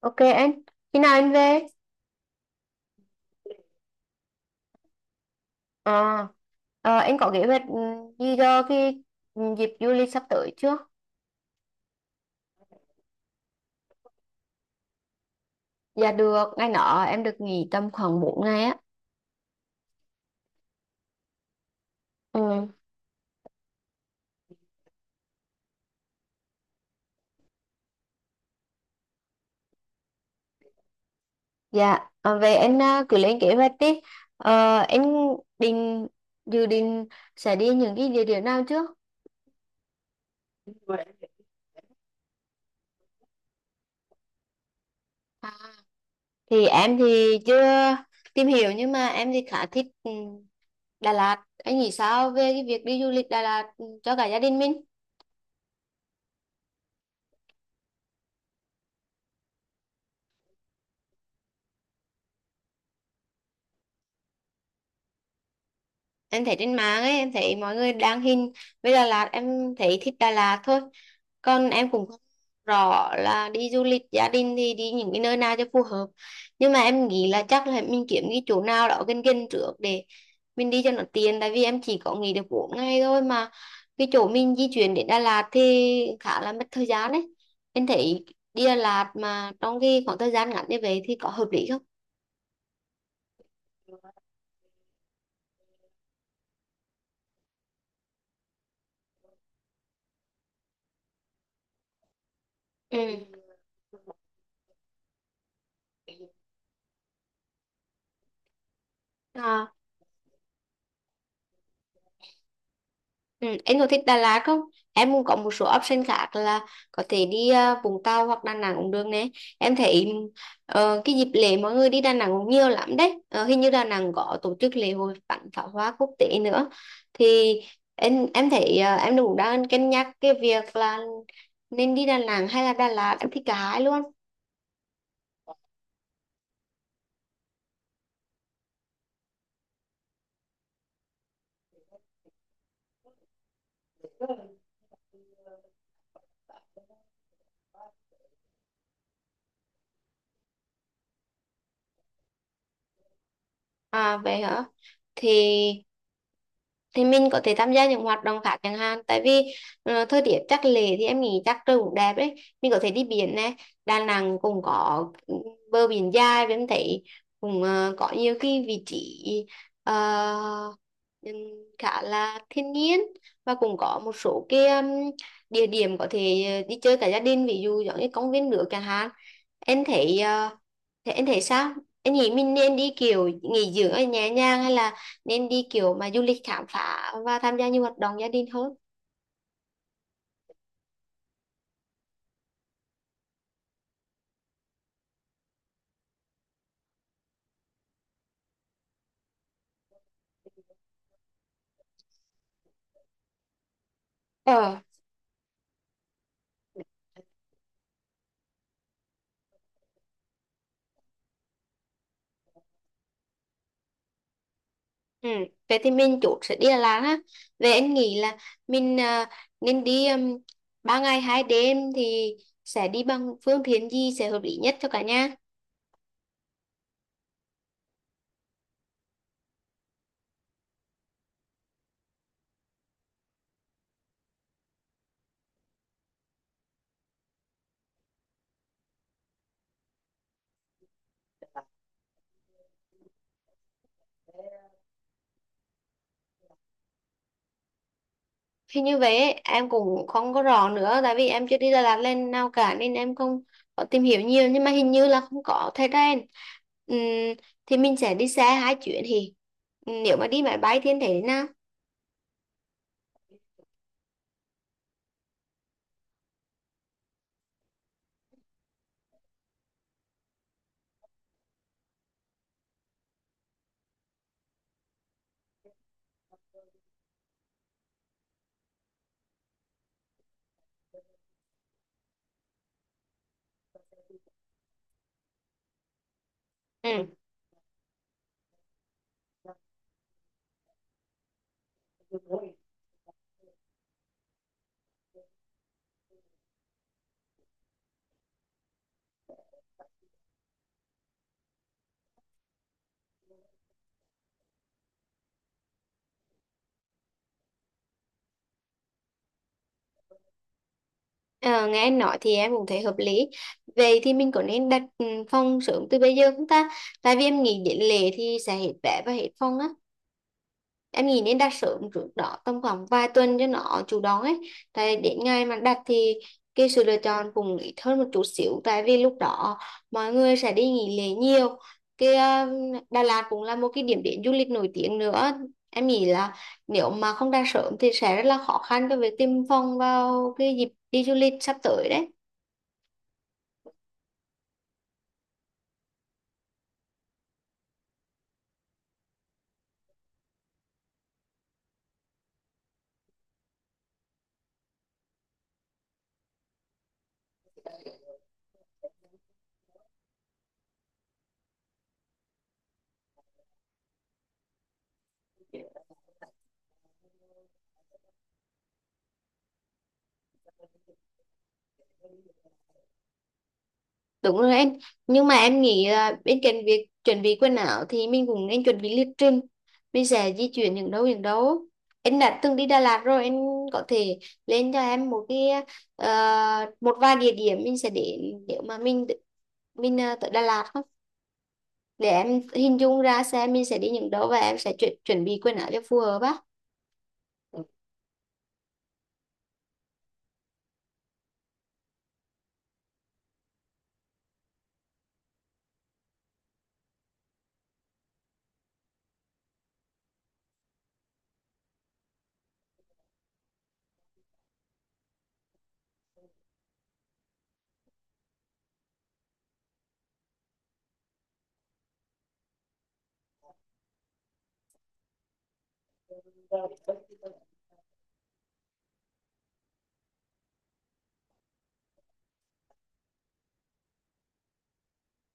Ok anh, khi nào anh về? Ờ, anh có kế hoạch gì cho cái dịp du lịch sắp tới chưa? Dạ được, ngày nọ em được nghỉ tầm khoảng 4 ngày á. Ừ, dạ, vậy anh cứ lên kế hoạch đi. Ờ, anh định, dự định sẽ đi những cái địa điểm nào trước? À, thì em chưa tìm hiểu nhưng mà em thì khá thích Đà Lạt. Anh nghĩ sao về cái việc đi du lịch Đà Lạt, cho cả gia đình mình? Em thấy trên mạng ấy, em thấy mọi người đăng hình với Đà Lạt, em thấy thích Đà Lạt thôi, còn em cũng không rõ là đi du lịch gia đình thì đi những cái nơi nào cho phù hợp. Nhưng mà em nghĩ là chắc là mình kiếm cái chỗ nào đó gần gần trước để mình đi cho nó tiện, tại vì em chỉ có nghỉ được 4 ngày thôi mà cái chỗ mình di chuyển đến Đà Lạt thì khá là mất thời gian đấy. Em thấy đi Đà Lạt mà trong cái khoảng thời gian ngắn như vậy thì có hợp lý không? Ừ. À. Ừ, em có thích Đà Lạt không? Em cũng có một số option khác là có thể đi Vũng Tàu hoặc Đà Nẵng cũng được nè. Em thấy cái dịp lễ mọi người đi Đà Nẵng cũng nhiều lắm đấy. Ờ, hình như Đà Nẵng có tổ chức lễ hội bắn pháo hoa quốc tế nữa. Thì em thấy em cũng đang cân nhắc cái việc là nên đi Đà Nẵng hay là Đà Lạt. Em thích cả hai luôn. À vậy hả? Thì thì mình có thể tham gia những hoạt động khác chẳng hạn, tại vì thời tiết chắc lệ thì em nghĩ chắc trời cũng đẹp đấy, mình có thể đi biển này. Đà Nẵng cũng có bờ biển dài và em thấy cũng có nhiều cái vị trí ờ, ừm, khá là thiên nhiên, và cũng có một số cái địa điểm có thể đi chơi cả gia đình, ví dụ giống như công viên nước chẳng hạn. Em thấy ờ, thế anh thấy sao? Anh nghĩ mình nên đi kiểu nghỉ dưỡng ở nhà nhàng, hay là nên đi kiểu mà du lịch khám phá và tham gia nhiều hoạt động gia đình hơn? Ờ, ừ. Vậy thì mình chốt sẽ đi Đà Lạt ha. Vậy anh nghĩ là mình nên đi, 3 ngày 2 đêm thì sẽ đi bằng phương tiện gì sẽ hợp lý nhất cho cả nhà? Thì như vậy ấy, em cũng không có rõ nữa, tại vì em chưa đi Đà Lạt lên nào cả nên em không có tìm hiểu nhiều, nhưng mà hình như là không có thời gian. Ừm, thì mình sẽ đi xe 2 chuyến thì nếu mà đi máy bay thì em thấy thế nào? Ừ. Ờ, nghe anh nói thì em cũng thấy hợp lý. Vậy thì mình có nên đặt phòng sớm từ bây giờ không ta, tại vì em nghĩ đến lễ thì sẽ hết vé và hết phòng á. Em nghĩ nên đặt sớm trước đó tầm khoảng vài tuần cho nó chủ động ấy, tại đến ngày mà đặt thì cái sự lựa chọn cũng ít hơn một chút xíu, tại vì lúc đó mọi người sẽ đi nghỉ lễ nhiều. Cái Đà Lạt cũng là một cái điểm đến du lịch nổi tiếng nữa, em nghĩ là nếu mà không đặt sớm thì sẽ rất là khó khăn cho việc tìm phòng vào cái dịp đi du lịch sắp tới đấy. Đúng rồi em, nhưng mà em nghĩ là bên cạnh việc chuẩn bị quần áo thì mình cũng nên chuẩn bị lịch trình. Mình sẽ di chuyển những đâu những đâu. Em đã từng đi Đà Lạt rồi, em có thể lên cho em một cái một vài địa điểm mình sẽ đến nếu mà mình tới Đà Lạt không? Để em hình dung ra xem mình sẽ đi những đâu và em sẽ chuẩn chuẩn bị quần áo cho phù hợp á. Ừ.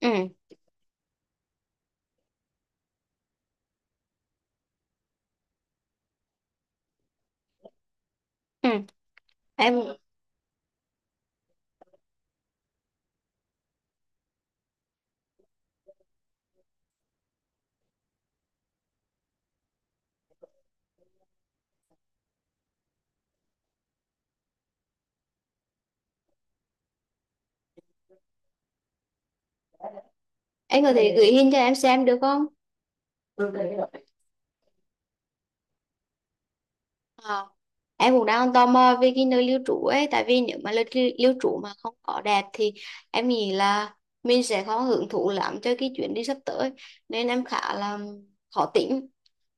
Ừ. Ừ. Em em có thể gửi hình cho em xem được không? Ờ. Em cũng đang tò mò về cái nơi lưu trú ấy, tại vì nếu mà nơi lưu trú mà không có đẹp thì em nghĩ là mình sẽ không hưởng thụ lắm cho cái chuyến đi sắp tới, nên em khá là khó tính,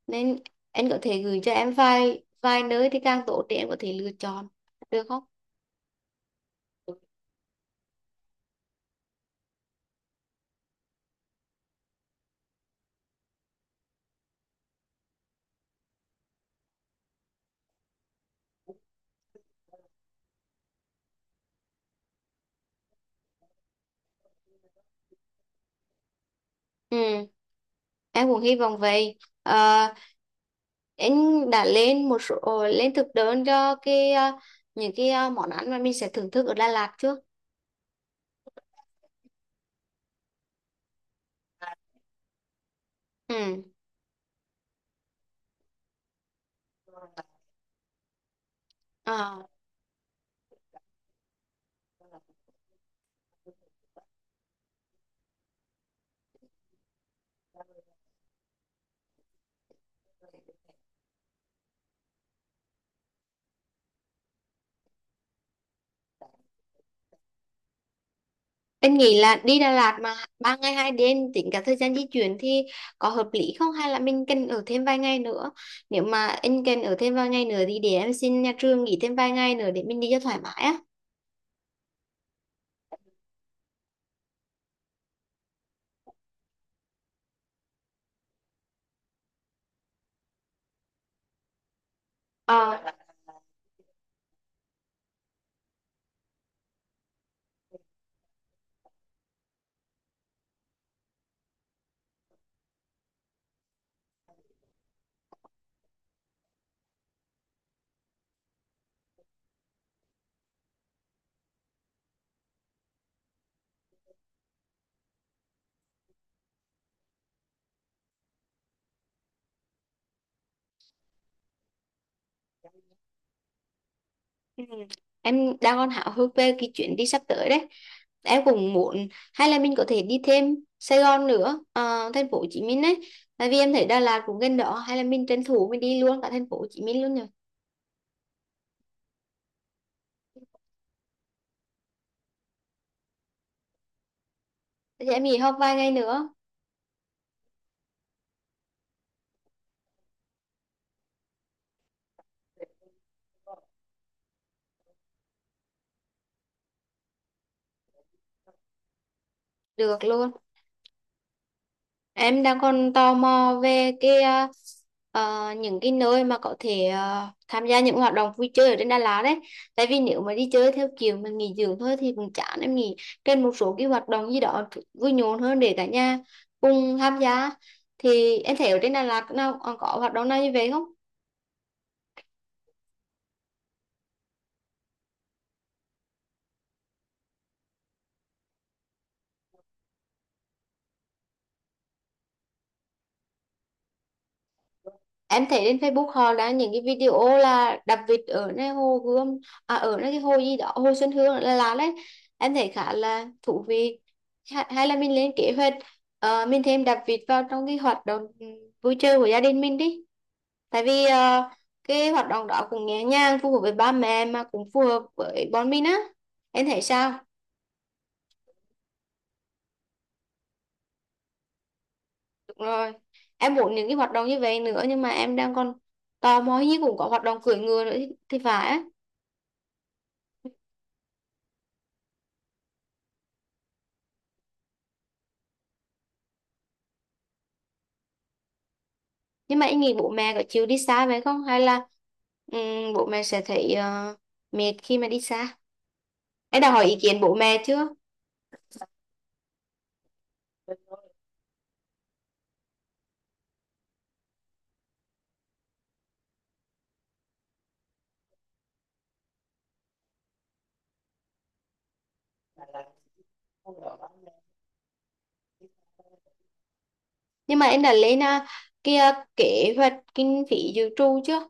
nên em có thể gửi cho em vài vài nơi thì càng tốt để em có thể lựa chọn được không? Ừ. Em cũng hy vọng vậy. Ờ, anh đã lên một số lên thực đơn cho cái những cái món ăn mà mình sẽ thưởng thức ở Đà Lạt chưa? Ừ. Ờ. Anh nghĩ là đi Đà Lạt mà 3 ngày 2 đêm tính cả thời gian di chuyển thì có hợp lý không, hay là mình cần ở thêm vài ngày nữa? Nếu mà anh cần ở thêm vài ngày nữa thì để em xin nhà trường nghỉ thêm vài ngày nữa để mình đi cho thoải mái á. Ờ. Ừ. Em đang còn háo hức về cái chuyến đi sắp tới đấy. Em cũng muốn, hay là mình có thể đi thêm Sài Gòn nữa, ờ, thành phố Hồ Chí Minh đấy. Tại vì em thấy Đà Lạt cũng gần đó, hay là mình tranh thủ mình đi luôn cả thành phố Hồ Chí Minh luôn rồi. Thì em nghỉ học vài ngày nữa, được luôn. Em đang còn tò mò về cái những cái nơi mà có thể tham gia những hoạt động vui chơi ở trên Đà Lạt đấy. Tại vì nếu mà đi chơi theo kiểu mình nghỉ dưỡng thôi thì cũng chán, em nghĩ trên một số cái hoạt động gì đó vui nhộn hơn để cả nhà cùng tham gia. Thì em thấy ở trên Đà Lạt nào còn có hoạt động nào như vậy không? Em thấy trên Facebook họ đã những cái video là đập vịt ở nơi hồ Gươm, à ở nơi cái hồ gì đó, hồ Xuân Hương là đấy. Em thấy khá là thú vị, hay là mình lên kế hoạch mình thêm đập vịt vào trong cái hoạt động vui chơi của gia đình mình đi, tại vì cái hoạt động đó cũng nhẹ nhàng phù hợp với ba mẹ mà cũng phù hợp với bọn mình á. Em thấy sao? Đúng rồi, em muốn những cái hoạt động như vậy nữa, nhưng mà em đang còn tò mò hình như cũng có hoạt động cưỡi ngựa nữa thì phải á. Nhưng mà em nghĩ bố mẹ có chịu đi xa vậy không? Hay là bố mẹ sẽ thấy mệt khi mà đi xa? Em đã hỏi ý kiến bố mẹ chưa? Nhưng mà em đã lên cái kế hoạch kinh phí dự trù chưa?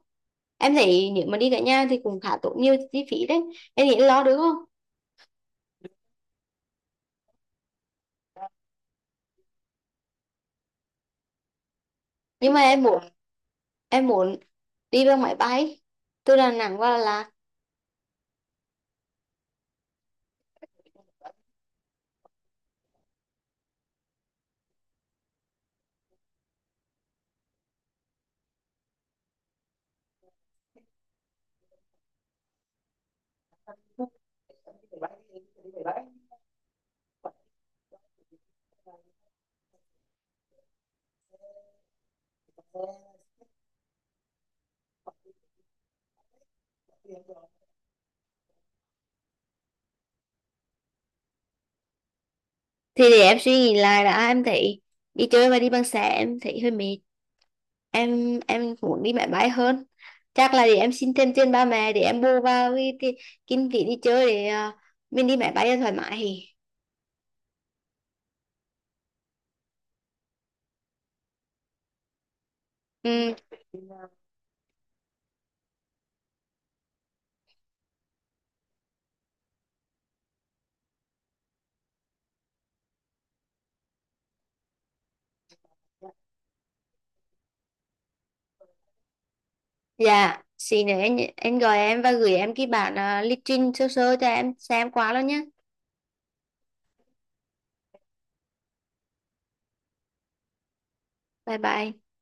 Em thấy nếu mà đi cả nhà thì cũng khá tốn nhiều chi phí đấy. Em nghĩ lo được không? Nhưng mà em muốn đi bằng máy bay từ Đà Nẵng qua Đà Lạt. Thì để em suy nghĩ lại đã, em thấy đi chơi và đi bằng xe em thấy hơi mệt. Em muốn đi máy bay hơn, chắc là để em xin thêm tiền ba mẹ để em bù vào cái kinh phí đi chơi để mình đi máy bay cho thoải mái. Ừ, dạ xin nữa anh gọi em và gửi em cái bản lịch trình sơ sơ cho em xem qua luôn nhé. Bye bye.